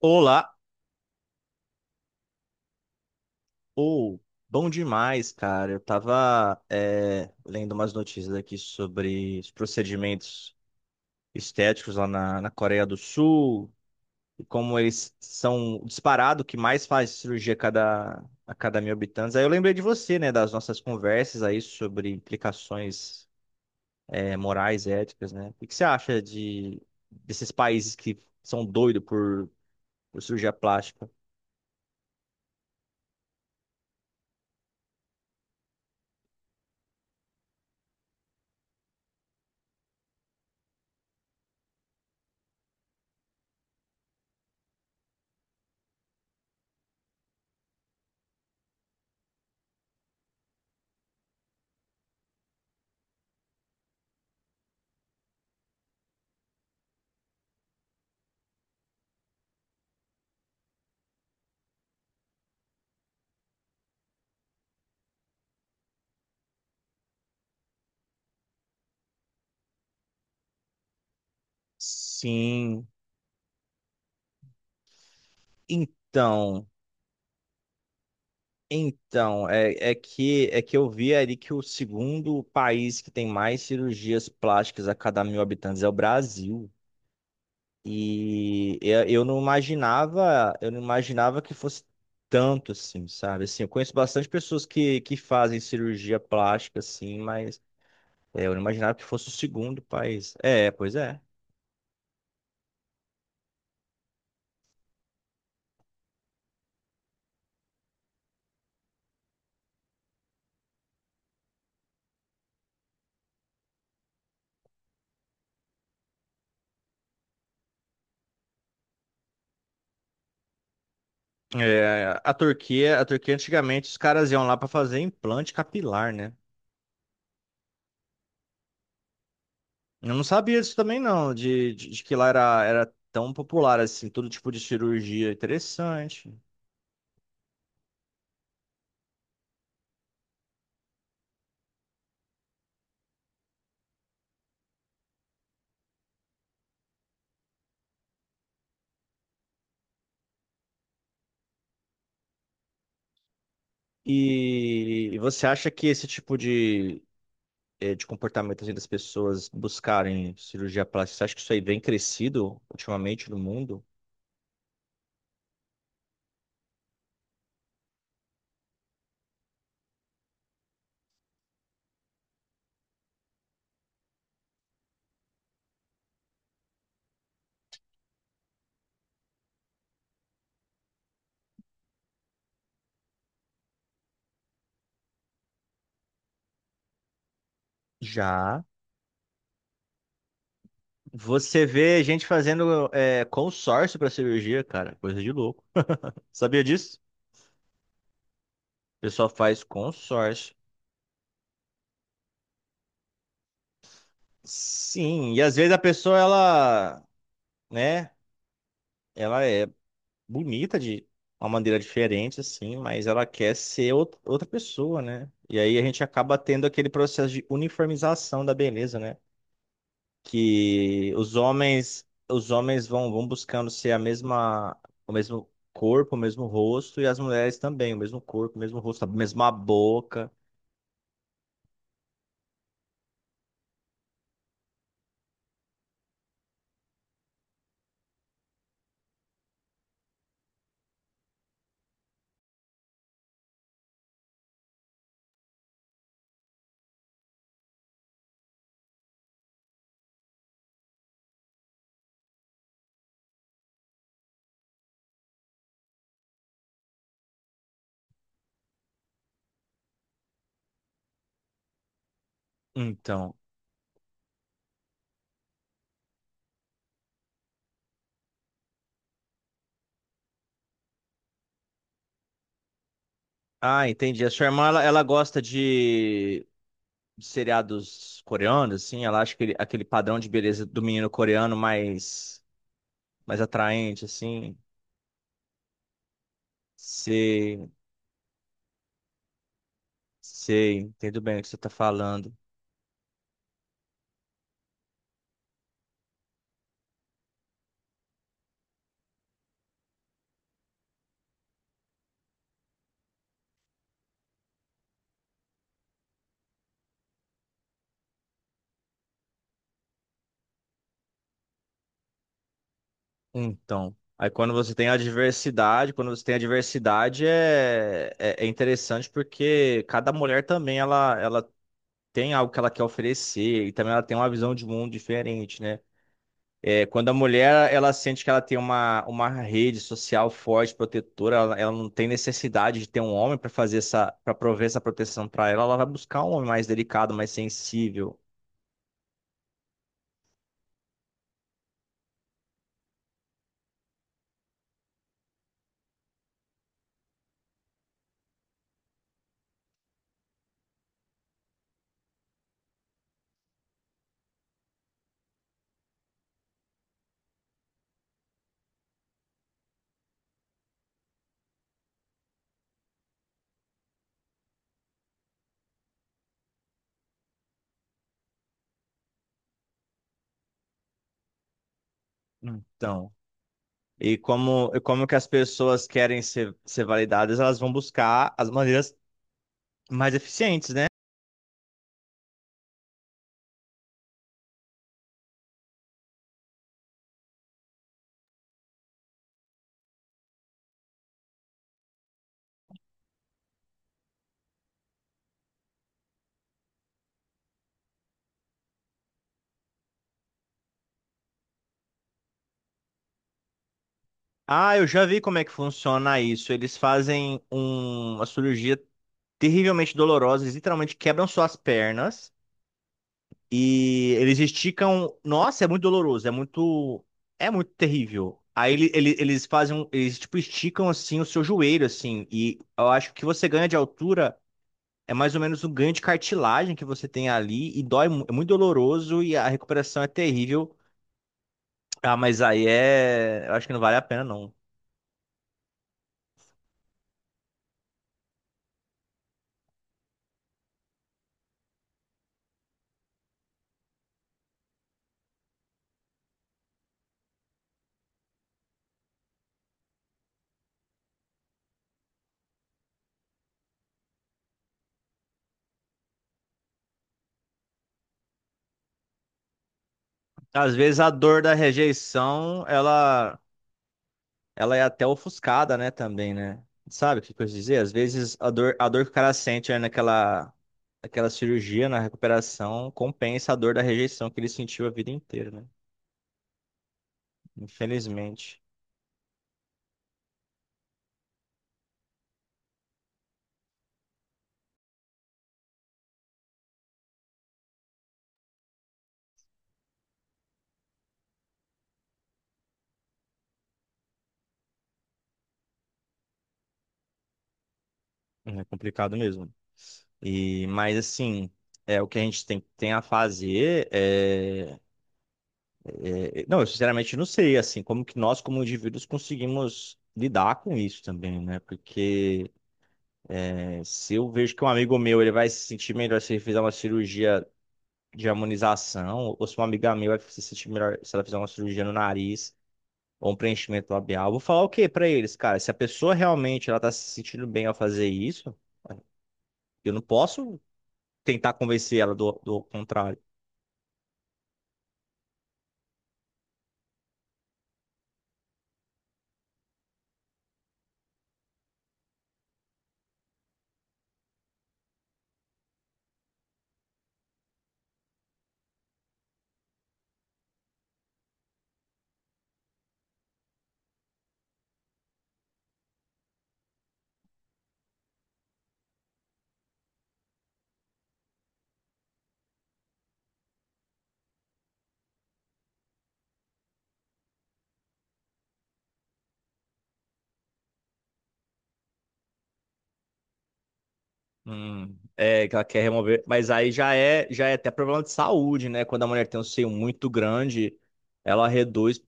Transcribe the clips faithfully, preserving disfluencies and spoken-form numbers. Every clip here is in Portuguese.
Olá, ou bom demais, cara. Eu tava é, lendo umas notícias aqui sobre os procedimentos estéticos lá na, na Coreia do Sul e como eles são o disparado que mais faz cirurgia a cada, a cada mil habitantes. Aí eu lembrei de você, né, das nossas conversas aí sobre implicações é, morais, éticas, né? O que que você acha de desses países que são doidos por, por cirurgia plástica? Sim, então. Então, é, é que é que eu vi ali que o segundo país que tem mais cirurgias plásticas a cada mil habitantes é o Brasil. E eu, eu não imaginava, eu não imaginava que fosse tanto assim, sabe? Assim, eu conheço bastante pessoas que, que fazem cirurgia plástica, assim, mas é, eu não imaginava que fosse o segundo país. É, pois é. É, a Turquia, a Turquia antigamente os caras iam lá para fazer implante capilar, né? Eu não sabia disso também, não, de, de, de que lá era, era tão popular, assim, todo tipo de cirurgia interessante. E, e você acha que esse tipo de, eh, de comportamento assim, das pessoas buscarem cirurgia plástica, você acha que isso aí vem crescido ultimamente no mundo? Já. Você vê gente fazendo eh, consórcio para cirurgia, cara, coisa de louco. Sabia disso? O pessoal faz consórcio. Sim, e às vezes a pessoa, ela, né? Ela é bonita de uma maneira diferente, assim, mas ela quer ser out- outra pessoa, né? E aí a gente acaba tendo aquele processo de uniformização da beleza, né? Que os homens, os homens vão, vão buscando ser a mesma, o mesmo corpo, o mesmo rosto, e as mulheres também, o mesmo corpo, o mesmo rosto, a mesma boca. Então, ah, entendi. A sua irmã, ela, ela gosta de de seriados coreanos, assim, ela acha que ele- aquele padrão de beleza do menino coreano mais mais atraente, assim. Sei, sei, entendo bem o que você está falando. Então, aí quando você tem a diversidade, quando você tem a diversidade é, é, é interessante porque cada mulher também ela, ela tem algo que ela quer oferecer e também ela tem uma visão de mundo diferente, né? É, quando a mulher ela sente que ela tem uma, uma rede social forte, protetora, ela, ela não tem necessidade de ter um homem para fazer essa, para prover essa proteção para ela, ela vai buscar um homem mais delicado, mais sensível. Então. E como, e como que as pessoas querem ser, ser validadas, elas vão buscar as maneiras mais eficientes, né? Ah, eu já vi como é que funciona isso. Eles fazem um- uma cirurgia terrivelmente dolorosa, eles literalmente quebram suas pernas e eles esticam. Nossa, é muito doloroso, é muito, é muito terrível. Aí ele- ele- eles fazem, um- eles tipo esticam assim o seu joelho assim, e eu acho que você ganha de altura é mais ou menos um ganho de cartilagem que você tem ali e dói, mu- é muito doloroso e a recuperação é terrível. Ah, mas aí é, eu acho que não vale a pena não. Às vezes a dor da rejeição, ela ela é até ofuscada, né, também, né? Sabe o que eu quis dizer? Às vezes a dor, a dor que o cara sente né, naquela aquela cirurgia, na recuperação, compensa a dor da rejeição que ele sentiu a vida inteira, né? Infelizmente, é complicado mesmo. E, mas assim, é o que a gente tem, tem a fazer é, é- Não, eu sinceramente não sei, assim, como que nós, como indivíduos, conseguimos lidar com isso também, né? Porque é, se eu vejo que um amigo meu ele vai se sentir melhor se ele fizer uma cirurgia de harmonização, ou se uma amiga minha vai se sentir melhor se ela fizer uma cirurgia no nariz ou um preenchimento labial, eu vou falar o quê pra eles, cara? Se a pessoa realmente ela tá se sentindo bem ao fazer isso, eu não posso tentar convencer ela do do contrário. Hum, é, que ela quer remover, mas aí já é, já é até problema de saúde, né? Quando a mulher tem um seio muito grande, ela reduz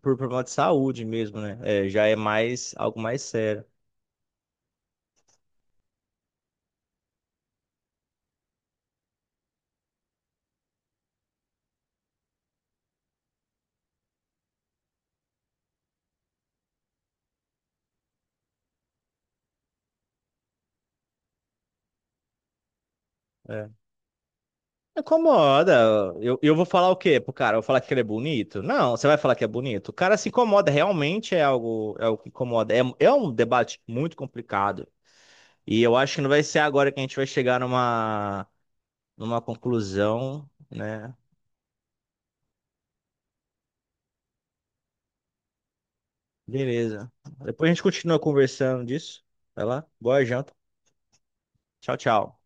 por problema de saúde mesmo, né? É, já é mais algo mais sério. É. Incomoda. Eu, eu vou falar o quê pro cara? Eu vou falar que ele é bonito? Não, você vai falar que é bonito. O cara se incomoda, realmente é algo, é algo que incomoda. É, é um debate muito complicado. E eu acho que não vai ser agora que a gente vai chegar numa, numa conclusão, né? Beleza. Depois a gente continua conversando disso. Vai lá. Boa janta. Tchau, tchau.